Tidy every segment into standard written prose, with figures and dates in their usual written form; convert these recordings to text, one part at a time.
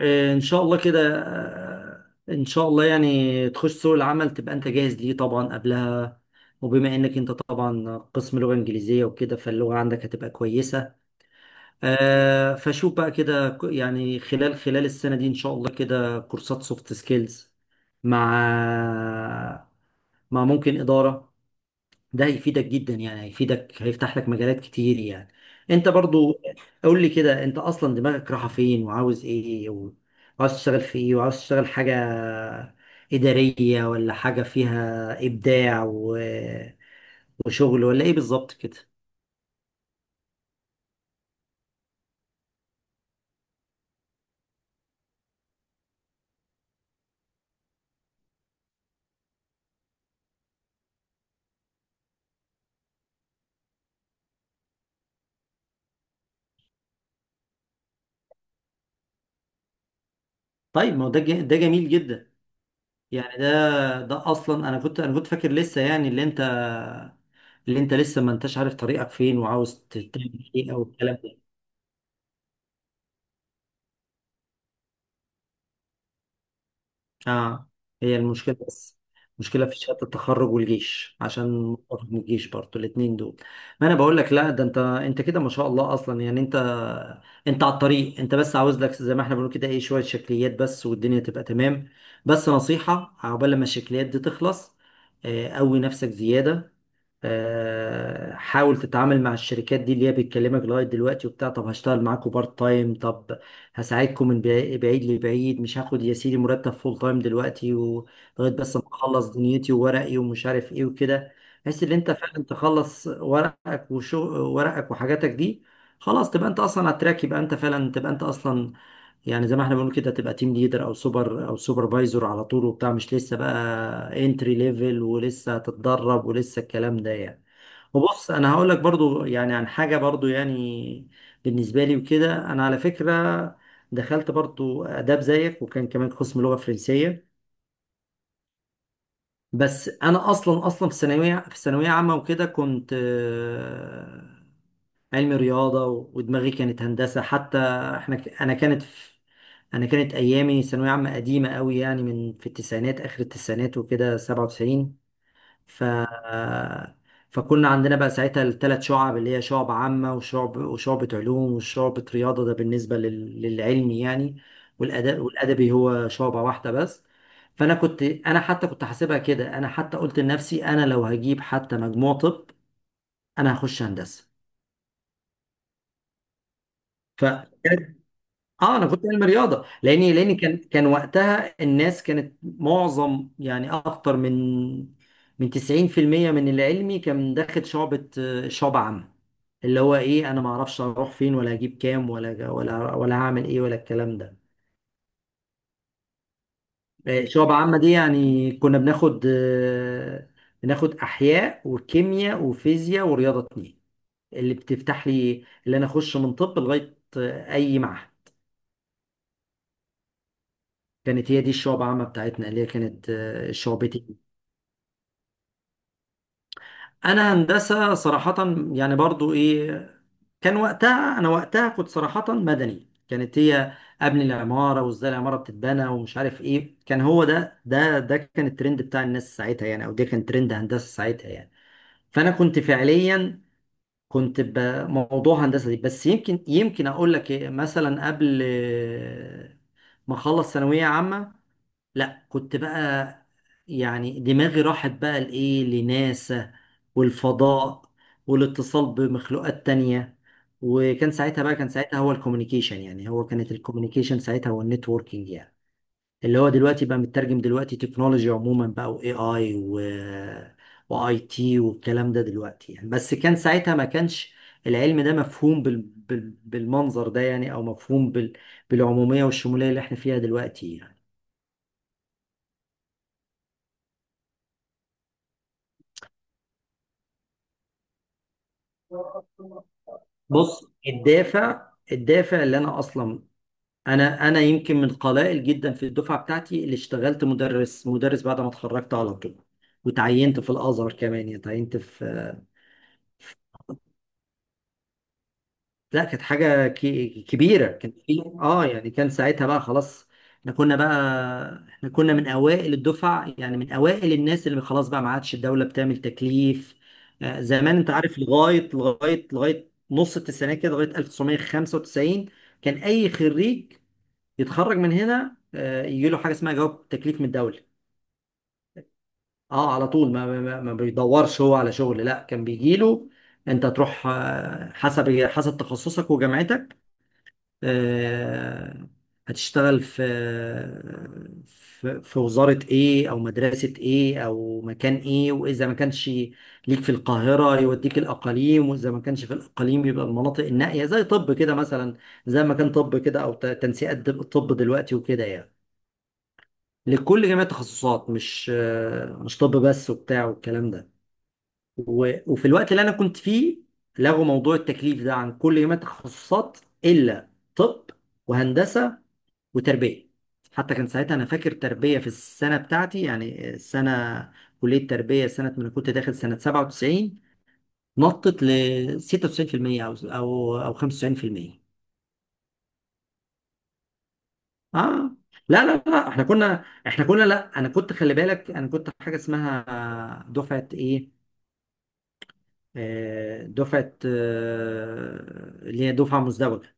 ان شاء الله كده ان شاء الله يعني تخش سوق العمل تبقى انت جاهز ليه طبعا قبلها، وبما انك انت طبعا قسم لغة انجليزية وكده فاللغة عندك هتبقى كويسة. فشوف بقى كده يعني خلال السنة دي ان شاء الله كده كورسات سوفت سكيلز مع ممكن إدارة. ده هيفيدك جدا، يعني هيفيدك هيفتح لك مجالات كتير يعني. انت برضو قول لي كده انت اصلا دماغك رايحه فين وعاوز ايه، وعاوز تشتغل في ايه، وعاوز تشتغل حاجه اداريه ولا حاجه فيها ابداع وشغل، ولا ايه بالظبط كده؟ طيب ما هو ده ده جميل جدا. يعني ده اصلا انا كنت فاكر لسه يعني اللي انت لسه ما انتش عارف طريقك فين وعاوز تعمل ايه او الكلام ده. اه، هي المشكلة بس، مشكلة في شهادة التخرج والجيش، عشان متفق من الجيش برضه الاتنين دول. ما انا بقول لك لا ده انت كده ما شاء الله اصلا يعني انت على الطريق، انت بس عاوز لك زي ما احنا بنقول كده ايه شوية شكليات بس والدنيا تبقى تمام. بس نصيحة، عقبال لما الشكليات دي تخلص قوي نفسك زيادة. حاول تتعامل مع الشركات دي اللي هي بتكلمك لغايه دلوقتي وبتاع، طب هشتغل معاكم بارت تايم، طب هساعدكم من بعيد لبعيد، مش هاخد يا سيدي مرتب فول تايم دلوقتي ولغايه بس ما اخلص دنيتي وورقي ومش عارف ايه وكده، بحيث ان انت فعلا تخلص ورقك وحاجاتك دي. خلاص تبقى انت اصلا على التراك، يبقى انت فعلا تبقى انت اصلا. يعني زي ما احنا بنقول كده تبقى تيم ليدر او سوبر او سوبرفايزر على طول وبتاع، مش لسه بقى انتري ليفل ولسه هتتدرب ولسه الكلام ده يعني. وبص انا هقول لك برضو يعني عن حاجه برضو يعني، بالنسبه لي وكده انا على فكره دخلت برضو اداب زيك وكان كمان قسم لغه فرنسيه. بس انا اصلا في ثانويه عامه وكده كنت علمي رياضة ودماغي كانت هندسة حتى. احنا انا كانت ايامي ثانوية عامة قديمة قوي يعني من في التسعينات اخر التسعينات وكده 97. ف فكنا عندنا بقى ساعتها الثلاث شعب اللي هي شعب عامة وشعب وشعبة علوم وشعبة رياضة، ده بالنسبة للعلمي يعني. والأدب والأدبي هو شعبة واحدة بس. فأنا كنت أنا حتى كنت حاسبها كده، أنا حتى قلت لنفسي أنا لو هجيب حتى مجموع طب أنا هخش هندسة. ف اه انا كنت علم رياضه لاني كان وقتها الناس كانت معظم يعني اكتر من 90% من اللي علمي كان داخل شعبة عامة، اللي هو ايه انا ما اعرفش اروح فين ولا اجيب كام ولا هعمل ايه ولا الكلام ده. شعبة عامة دي يعني كنا بناخد بناخد احياء وكيمياء وفيزياء ورياضة اتنين، اللي بتفتح لي اللي انا اخش من طب لغاية اي معهد. كانت هي دي الشعب عامة بتاعتنا اللي هي كانت شعبتي. انا هندسة صراحة يعني برضو ايه، كان وقتها انا وقتها كنت صراحة مدني، كانت هي قبل العمارة وازاي العمارة بتتبنى ومش عارف ايه، كان هو ده كان الترند بتاع الناس ساعتها يعني، او ده كان ترند هندسة ساعتها يعني. فانا كنت فعليا كنت بموضوع هندسة دي، بس يمكن اقول لك إيه، مثلا قبل ما اخلص ثانوية عامة لا كنت بقى يعني دماغي راحت بقى لإيه لناسا والفضاء والاتصال بمخلوقات تانية. وكان ساعتها بقى كان ساعتها هو الكوميونيكيشن، يعني هو كانت الكوميونيكيشن ساعتها هو النتوركينج يعني، اللي هو دلوقتي بقى مترجم دلوقتي تكنولوجي عموما بقى، واي اي واي تي والكلام ده دلوقتي يعني. بس كان ساعتها ما كانش العلم ده مفهوم بالمنظر ده يعني، او مفهوم بالعمومية والشمولية اللي احنا فيها دلوقتي يعني. بص، الدافع اللي انا اصلا، انا يمكن من القلائل جدا في الدفعه بتاعتي اللي اشتغلت مدرس بعد ما اتخرجت على طول، وتعينت في الازهر كمان، يعني تعينت في. لا كانت حاجه كبيره، كان في اه يعني كان ساعتها بقى خلاص احنا كنا بقى احنا كنا من اوائل الدفعه يعني من اوائل الناس، اللي خلاص بقى ما عادش الدوله بتعمل تكليف. زمان انت عارف لغايه نص التسعينات كده، لغايه 1995 كان اي خريج يتخرج من هنا يجي له حاجه اسمها جواب تكليف من الدوله. اه على طول، ما بيدورش هو على شغل، لا كان بيجي له انت تروح حسب تخصصك وجامعتك، آه، هتشتغل في في وزاره ايه او مدرسه ايه او مكان ايه، واذا ما كانش ليك في القاهره يوديك الاقاليم، واذا ما كانش في الاقاليم يبقى المناطق النائيه زي طب كده مثلا، زي ما كان طب كده، او تنسيقات طب دلوقتي وكده يعني، لكل جميع التخصصات، مش مش طب بس وبتاع والكلام ده. وفي الوقت اللي انا كنت فيه لغوا موضوع التكليف ده عن كل جميع التخصصات الا طب وهندسه وتربيه. حتى كان ساعتها انا فاكر تربيه في السنه بتاعتي يعني السنه، كليه تربيه سنه ما انا كنت داخل سنه 97 نطت ل 96% او 95%. اه لا احنا كنا احنا كنا لا انا كنت خلي بالك، انا كنت حاجه اسمها دفعه ايه، دفعه اللي هي دفعه مزدوجه،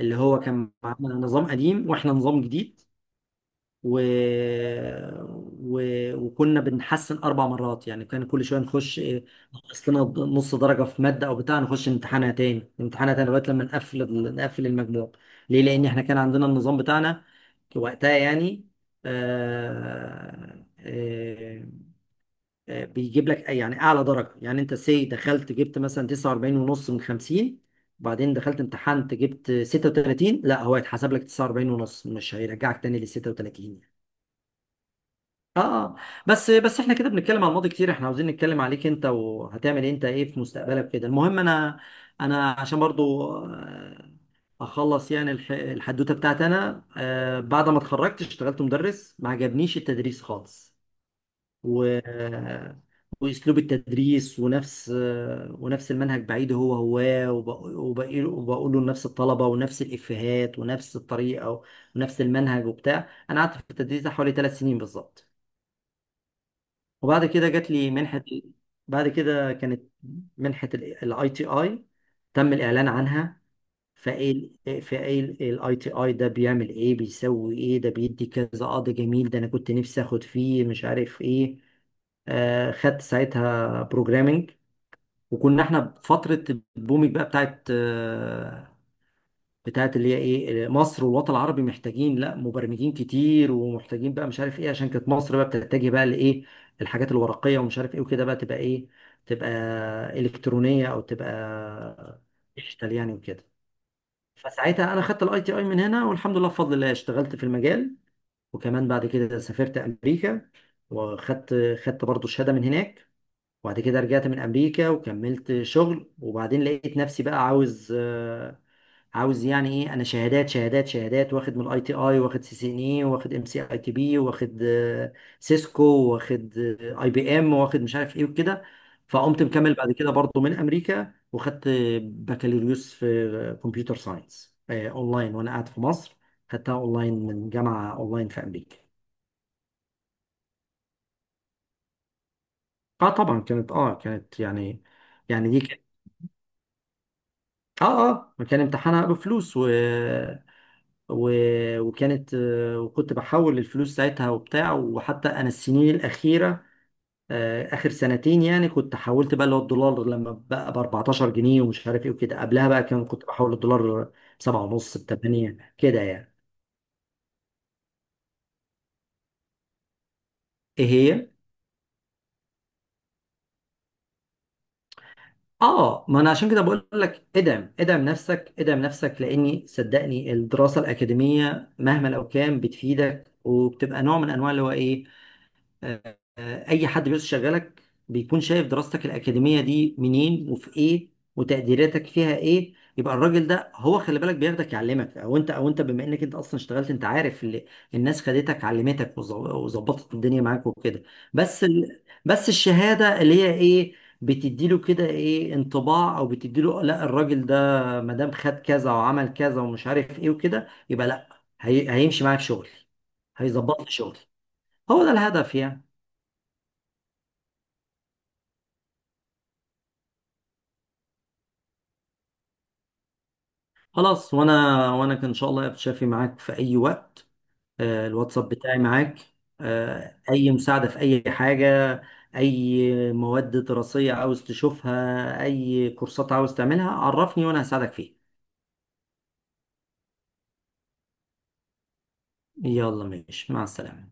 اللي هو كان معانا نظام قديم واحنا نظام جديد و... و... وكنا بنحسن اربع مرات، يعني كان كل شويه نخش إيه، نقص لنا نص درجه في ماده او بتاع نخش امتحانها تاني لغايه لما نقفل نقفل المجموع. ليه؟ لان احنا كان عندنا النظام بتاعنا وقتها يعني، آه... آه... بيجيب لك يعني اعلى درجه، يعني انت سي دخلت جبت مثلا 49 ونص من 50، وبعدين دخلت امتحنت جبت 36، لا هو هيتحسب لك 49 ونص مش هيرجعك تاني لل 36. اه بس احنا كده بنتكلم على الماضي كتير، احنا عاوزين نتكلم عليك انت وهتعمل إيه، انت ايه في مستقبلك كده. المهم انا عشان برضو اخلص يعني الحدوته بتاعتي، انا بعد ما اتخرجت اشتغلت مدرس، ما عجبنيش التدريس خالص، و واسلوب التدريس ونفس ونفس المنهج بعيد هو هو، وبقوله لنفس الطلبه ونفس الافيهات ونفس الطريقه ونفس المنهج وبتاع. انا قعدت في التدريس ده حوالي ثلاث سنين بالظبط، وبعد كده جات لي منحة. بعد كده كانت منحة الاي تي اي تم الاعلان عنها. فايه فايه الاي تي اي ده، بيعمل ايه بيسوي ايه، ده بيدي كذا قاضي جميل، ده انا كنت نفسي اخد فيه مش عارف ايه. آه خدت ساعتها بروجرامنج، وكنا احنا بفترة البوميك بقى بتاعت اللي هي ايه، مصر والوطن العربي محتاجين لا مبرمجين كتير ومحتاجين بقى مش عارف ايه، عشان كانت مصر بقى بتتجه بقى لايه الحاجات الورقيه ومش عارف ايه وكده بقى، تبقى ايه، تبقى الكترونيه او تبقى ديجيتال يعني وكده. فساعتها انا خدت الاي تي اي من هنا، والحمد لله بفضل الله اشتغلت في المجال، وكمان بعد كده سافرت امريكا وخدت برضو شهاده من هناك، وبعد كده رجعت من امريكا وكملت شغل. وبعدين لقيت نفسي بقى عاوز عاوز يعني ايه، انا شهادات واخد من الاي تي اي واخد سي سي ان اي واخد ام سي اي تي بي واخد سيسكو واخد اي بي ام واخد مش عارف ايه وكده. فقمت مكمل بعد كده برضه من امريكا وخدت بكالوريوس في كمبيوتر ساينس اونلاين وانا قاعد في مصر، خدتها اونلاين من جامعه اونلاين في امريكا. اه طبعا كانت، اه كانت يعني، يعني دي اه، اه كان امتحانها بفلوس و... وكانت وكنت بحول الفلوس ساعتها وبتاع، وحتى انا السنين الاخيره اخر سنتين يعني كنت حولت بقى اللي هو الدولار لما بقى ب 14 جنيه ومش عارف ايه وكده، قبلها بقى كان كنت بحول الدولار ب 7 ونص ب 8 كده يعني. ايه هي، اه ما انا عشان كده بقول لك ادعم نفسك لاني صدقني الدراسه الاكاديميه مهما لو كان بتفيدك وبتبقى نوع من انواع اللي هو ايه، اي حد بيشغلك بيكون شايف دراستك الاكاديميه دي منين وفي ايه وتقديراتك فيها ايه، يبقى الراجل ده هو خلي بالك بياخدك يعلمك، او انت بما انك انت اصلا اشتغلت انت عارف، اللي الناس خدتك علمتك وظبطت الدنيا معاك وكده، بس بس الشهاده اللي هي ايه بتديله كده ايه انطباع، او بتديله لا الراجل ده ما دام خد كذا وعمل كذا ومش عارف ايه وكده يبقى لا هيمشي معاك شغل، هيظبط لي شغل. هو ده الهدف يعني. خلاص، وانا وانا كان ان شاء الله يا بتشافي معاك في اي وقت. الواتساب بتاعي معاك، اي مساعدة في اي حاجة، اي مواد دراسية عاوز تشوفها، اي كورسات عاوز تعملها عرفني وانا هساعدك فيها. يلا ماشي، مع السلامة.